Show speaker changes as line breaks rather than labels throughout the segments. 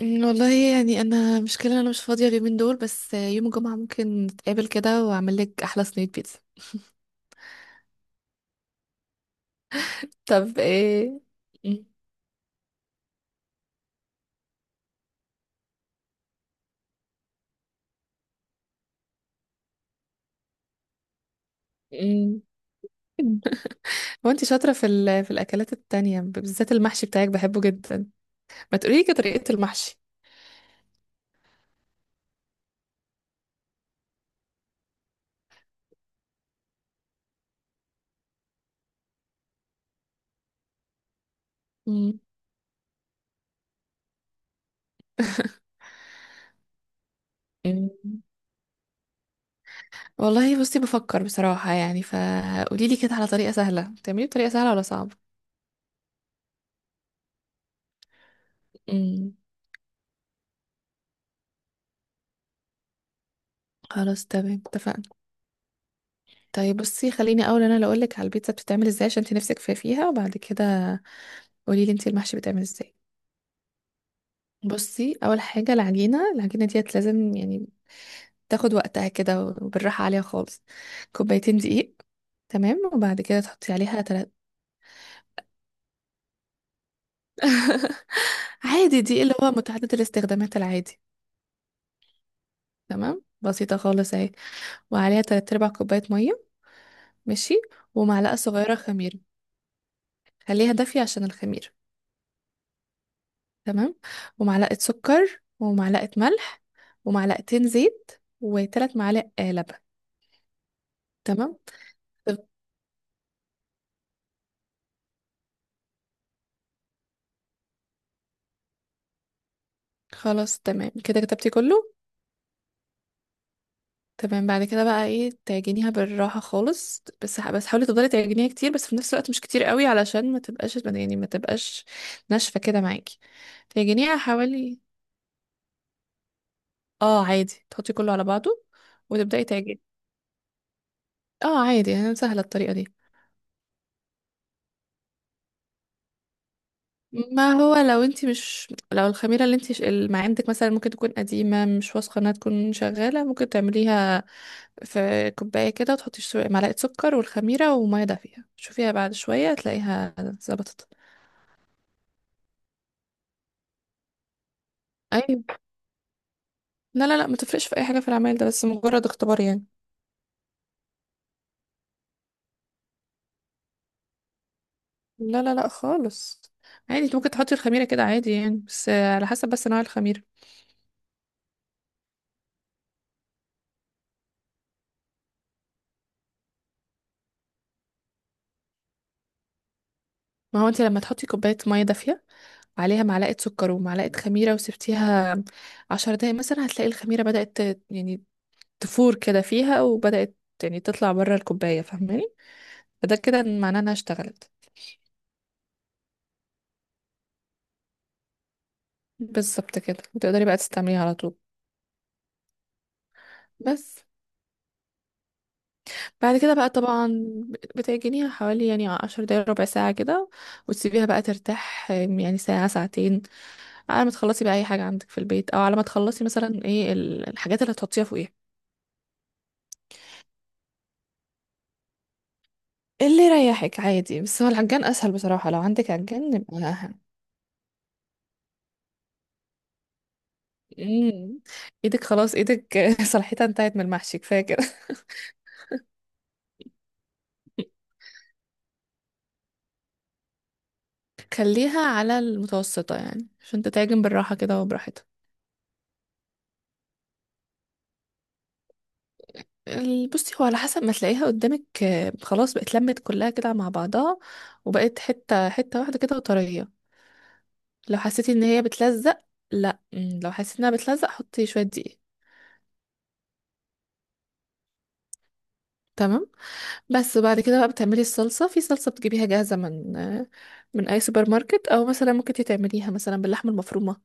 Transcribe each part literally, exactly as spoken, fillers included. أمم، والله يعني انا مشكلة إن انا مش فاضية اليومين دول، بس يوم الجمعة ممكن نتقابل كده واعمل لك احلى صينية بيتزا. طب ايه. أمم. أمم. هو انت شاطرة في ال- في الاكلات التانية، بالذات المحشي بتاعك بحبه جدا. ما تقولي لي طريقة المحشي. أمم. أمم. والله بصي بفكر بصراحة، يعني فقولي لي كده على طريقة سهلة، تعملي طريقة سهلة ولا صعبة؟ أمم. خلاص تمام، اتفقنا. طيب بصي، خليني اول انا اللي اقول لك على البيتزا بتتعمل ازاي عشان انت نفسك في فيها، وبعد كده قولي لي انت المحشي بيتعمل ازاي. بصي، اول حاجه العجينه، العجينه ديت لازم يعني تاخد وقتها كده وبالراحه عليها خالص. كوبايتين دقيق، تمام، وبعد كده تحطي عليها تلات. عادي دقيق اللي هو متعدد الاستخدامات العادي. تمام، بسيطه خالص اهي. وعليها تلات ارباع كوبايه ميه. ماشي. ومعلقه صغيره خميره. خليها دافيه عشان الخميره. تمام. ومعلقه سكر ومعلقه ملح، ومعلقتين زيت، وثلاث معالق آه، لبن. تمام. خلاص تمام كده، كتبتي كله؟ تمام. بعد كده بقى ايه، تعجنيها بالراحة خالص، بس ح- بس حاولي تفضلي تعجنيها كتير، بس في نفس الوقت مش كتير قوي علشان ما تبقاش يعني ما تبقاش ناشفة كده معاكي. تعجنيها حوالي. اه عادي، تحطي كله على بعضه وتبدأي تعجني. اه عادي يعني سهلة الطريقة دي. ما هو لو انت مش، لو الخميرة اللي انت اللي ما عندك مثلا ممكن تكون قديمة، مش واثقة انها تكون شغالة، ممكن تعمليها في كوباية كده، وتحطي شو- معلقة سكر والخميرة ومية دافية، شوفيها بعد شوية تلاقيها ظبطت. ايوه، لا لا لا، ما تفرقش في اي حاجة في العمل ده، بس مجرد اختبار يعني. لا لا لا خالص. عادي، انت ممكن تحطي الخميرة كده عادي يعني، بس على حسب بس نوع الخميرة. ما هو انت لما تحطي كوباية مية دافية، وعليها معلقة سكر ومعلقة خميرة، وسبتيها عشر دقايق مثلا، هتلاقي الخميرة بدأت ت- يعني تفور كده فيها، وبدأت يعني تطلع بره الكوباية، فاهماني؟ فده كده معناه انها اشتغلت. بالظبط كده، وتقدري بقى تستعمليها على طول. بس بعد كده بقى طبعا بت- بتعجنيها حوالي يعني عشر دقايق ربع ساعة كده، وتسيبيها بقى ترتاح يعني ساعة ساعتين، على ما تخلصي بقى أي حاجة عندك في البيت، أو على ما تخلصي مثلا ايه ال- الحاجات اللي هتحطيها فوقيها. اللي يريحك عادي، بس هو العجان اسهل بصراحة، لو عندك عجان يبقى امم ايدك. خلاص ايدك صلاحيتها انتهت من المحشي، كفاية كده. خليها على المتوسطة يعني عشان تتعجن بالراحة كده وبراحتها. ال- بصي، هو على حسب ما تلاقيها قدامك. آه، خلاص بقت لمت كلها كده مع بعضها، وبقت حتة حتة واحدة كده وطرية. لو حسيتي ان هي بتلزق، لا، مم، لو حسيتي انها بتلزق حطي شوية دقيق. تمام. بس بعد كده بقى بتعملي الصلصة، في صلصة بتجيبيها جاهزة من من أي سوبر ماركت، أو مثلا ممكن انتي تعمليها مثلا باللحمة المفرومة.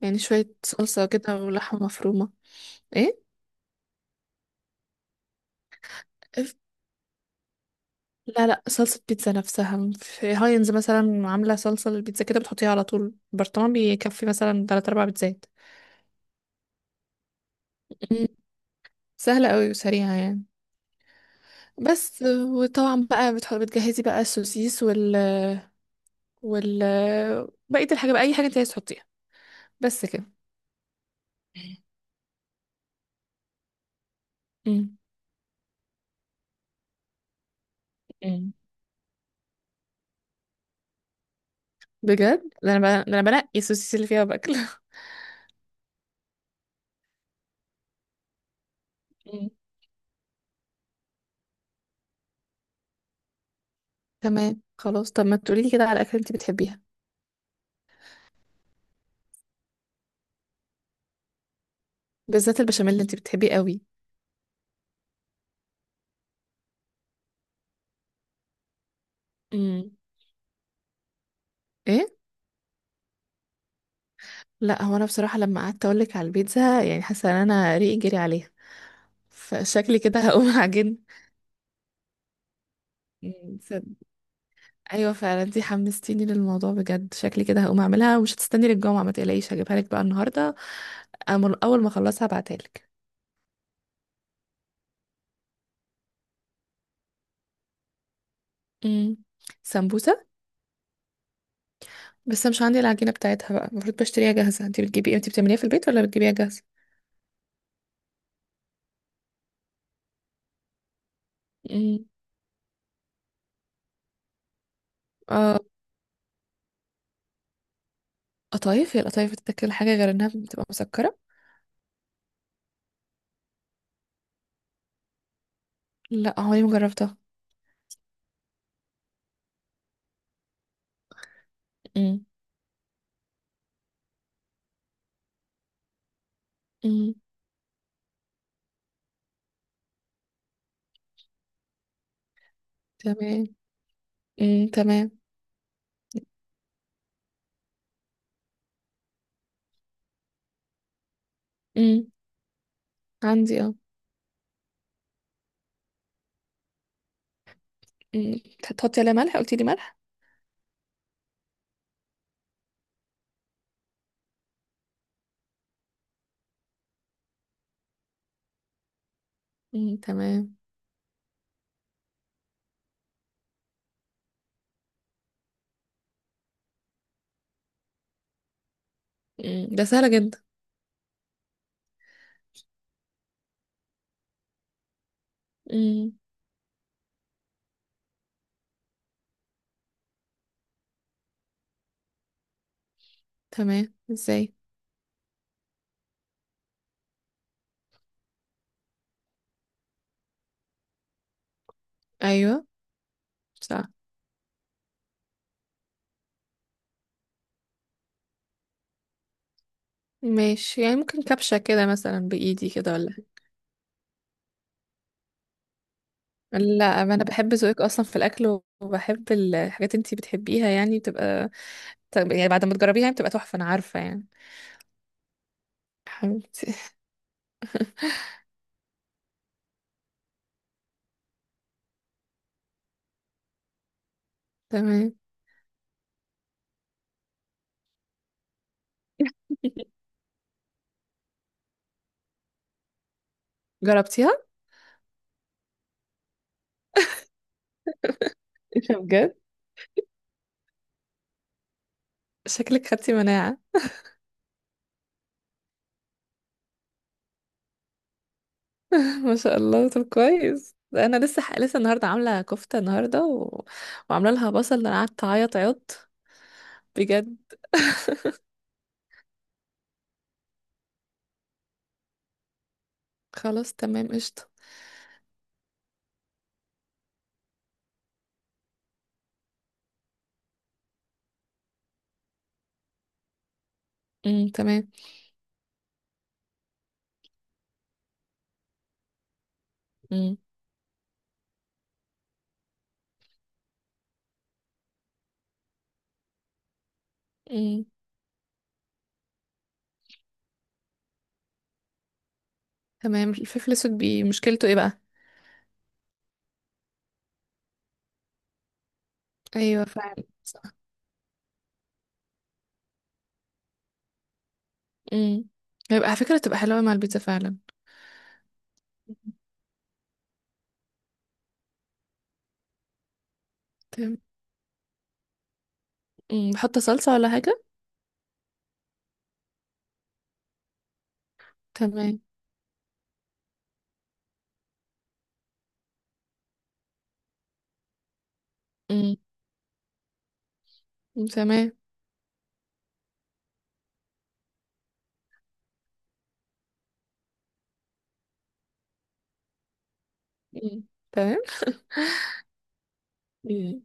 يعني شوية صلصة كده ولحمة مفرومة. ايه، لا لا صلصة بيتزا نفسها، في هاينز مثلا عاملة صلصة للبيتزا كده، بتحطيها على طول. برطمان بيكفي مثلا تلات أربع بيتزات. مم. سهلة قوي وسريعة يعني. بس، وطبعا بقى بتحط بتجهزي بقى السوسيس وال وال بقية الحاجة بقى، أي حاجة انت عايز تحطيها. بس كده. مم. بجد، ده انا ب... ده انا بنقي السوسيس اللي فيها باكل. مم. تمام. خلاص، طب ما تقولي لي كده على اكل انت بتحبيها، بالذات البشاميل اللي انت بتحبيه قوي. مم. ايه، لا هو انا بصراحه لما قعدت اقول لك على البيتزا يعني حاسه ان انا ريقي جري عليها، فشكلي كده هقوم اعجن. مم. صد- ايوه فعلا، انت حمستيني للموضوع بجد. شكلي كده هقوم اعملها ومش هتستني للجمعه، ما تقلقيش هجيبها لك بقى النهارده. أمر- اول ما اخلصها هبعتها لك. مم. سمبوسه؟ بس مش عندي العجينة بتاعتها بقى، المفروض بشتريها جاهزة، انتي بتجيبي ايه؟ انتي بتعمليها في البيت ولا بتجيبيها جاهزة؟ مم. اه. قطايف؟ هي القطايف بتتاكل حاجة غير انها بتبقى مسكرة؟ لا، عمري ما جربتها. مم. مم. تمام. امم، تمام. مم. عندي اه. مم. تحطي عليها ملح، قلتي لي ملح؟ مم. تمام. مم. ده سهلة جدا. مم. تمام، ازاي؟ ايوه، صح. ماشي، يعني ممكن كبشة كده مثلا بإيدي كده ولا؟ لا ما انا بحب ذوقك اصلا في الاكل، وبحب ال- الحاجات انتي بتحبيها، يعني بتبقى، طب يعني بعد ما تجربيها يعني بتبقى تحفه انا عارفه يعني. حبيبتي. تمام. جربتيها؟ إيه ده بجد، شكلك خدتي مناعه. ما شاء الله، طب كويس. ده انا لسه ح... لسه النهارده عامله كفته النهارده و... وعامله لها بصل، انا قعدت اعيط عيط، بجد. خلاص تمام، قشطه. امم، تمام. امم. امم، تمام. الفلفل الاسود بي- مشكلته ايه بقى؟ ايوه فعلا. امم. هيبقى على فكرة تبقى حلوة مع البيتزا فعلا. تمام. امم، بحط صلصة ولا حاجة؟ تمام. امم، تمام. امم، تمام. امم.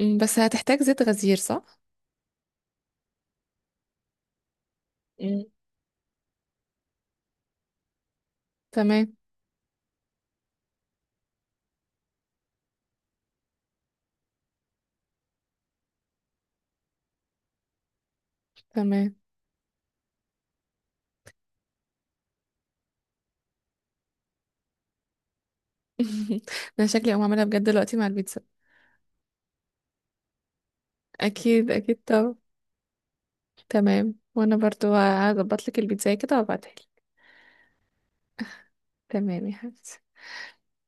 أمم، بس هتحتاج زيت غزير، صح؟ امم، تمام. تمام. انا شكلي اقوم اعملها بجد دلوقتي مع البيتزا. اكيد اكيد طبعا. تمام، وانا برضو هظبط لك البيتزا كده وابعتها لك. تمام يا حبيبتي.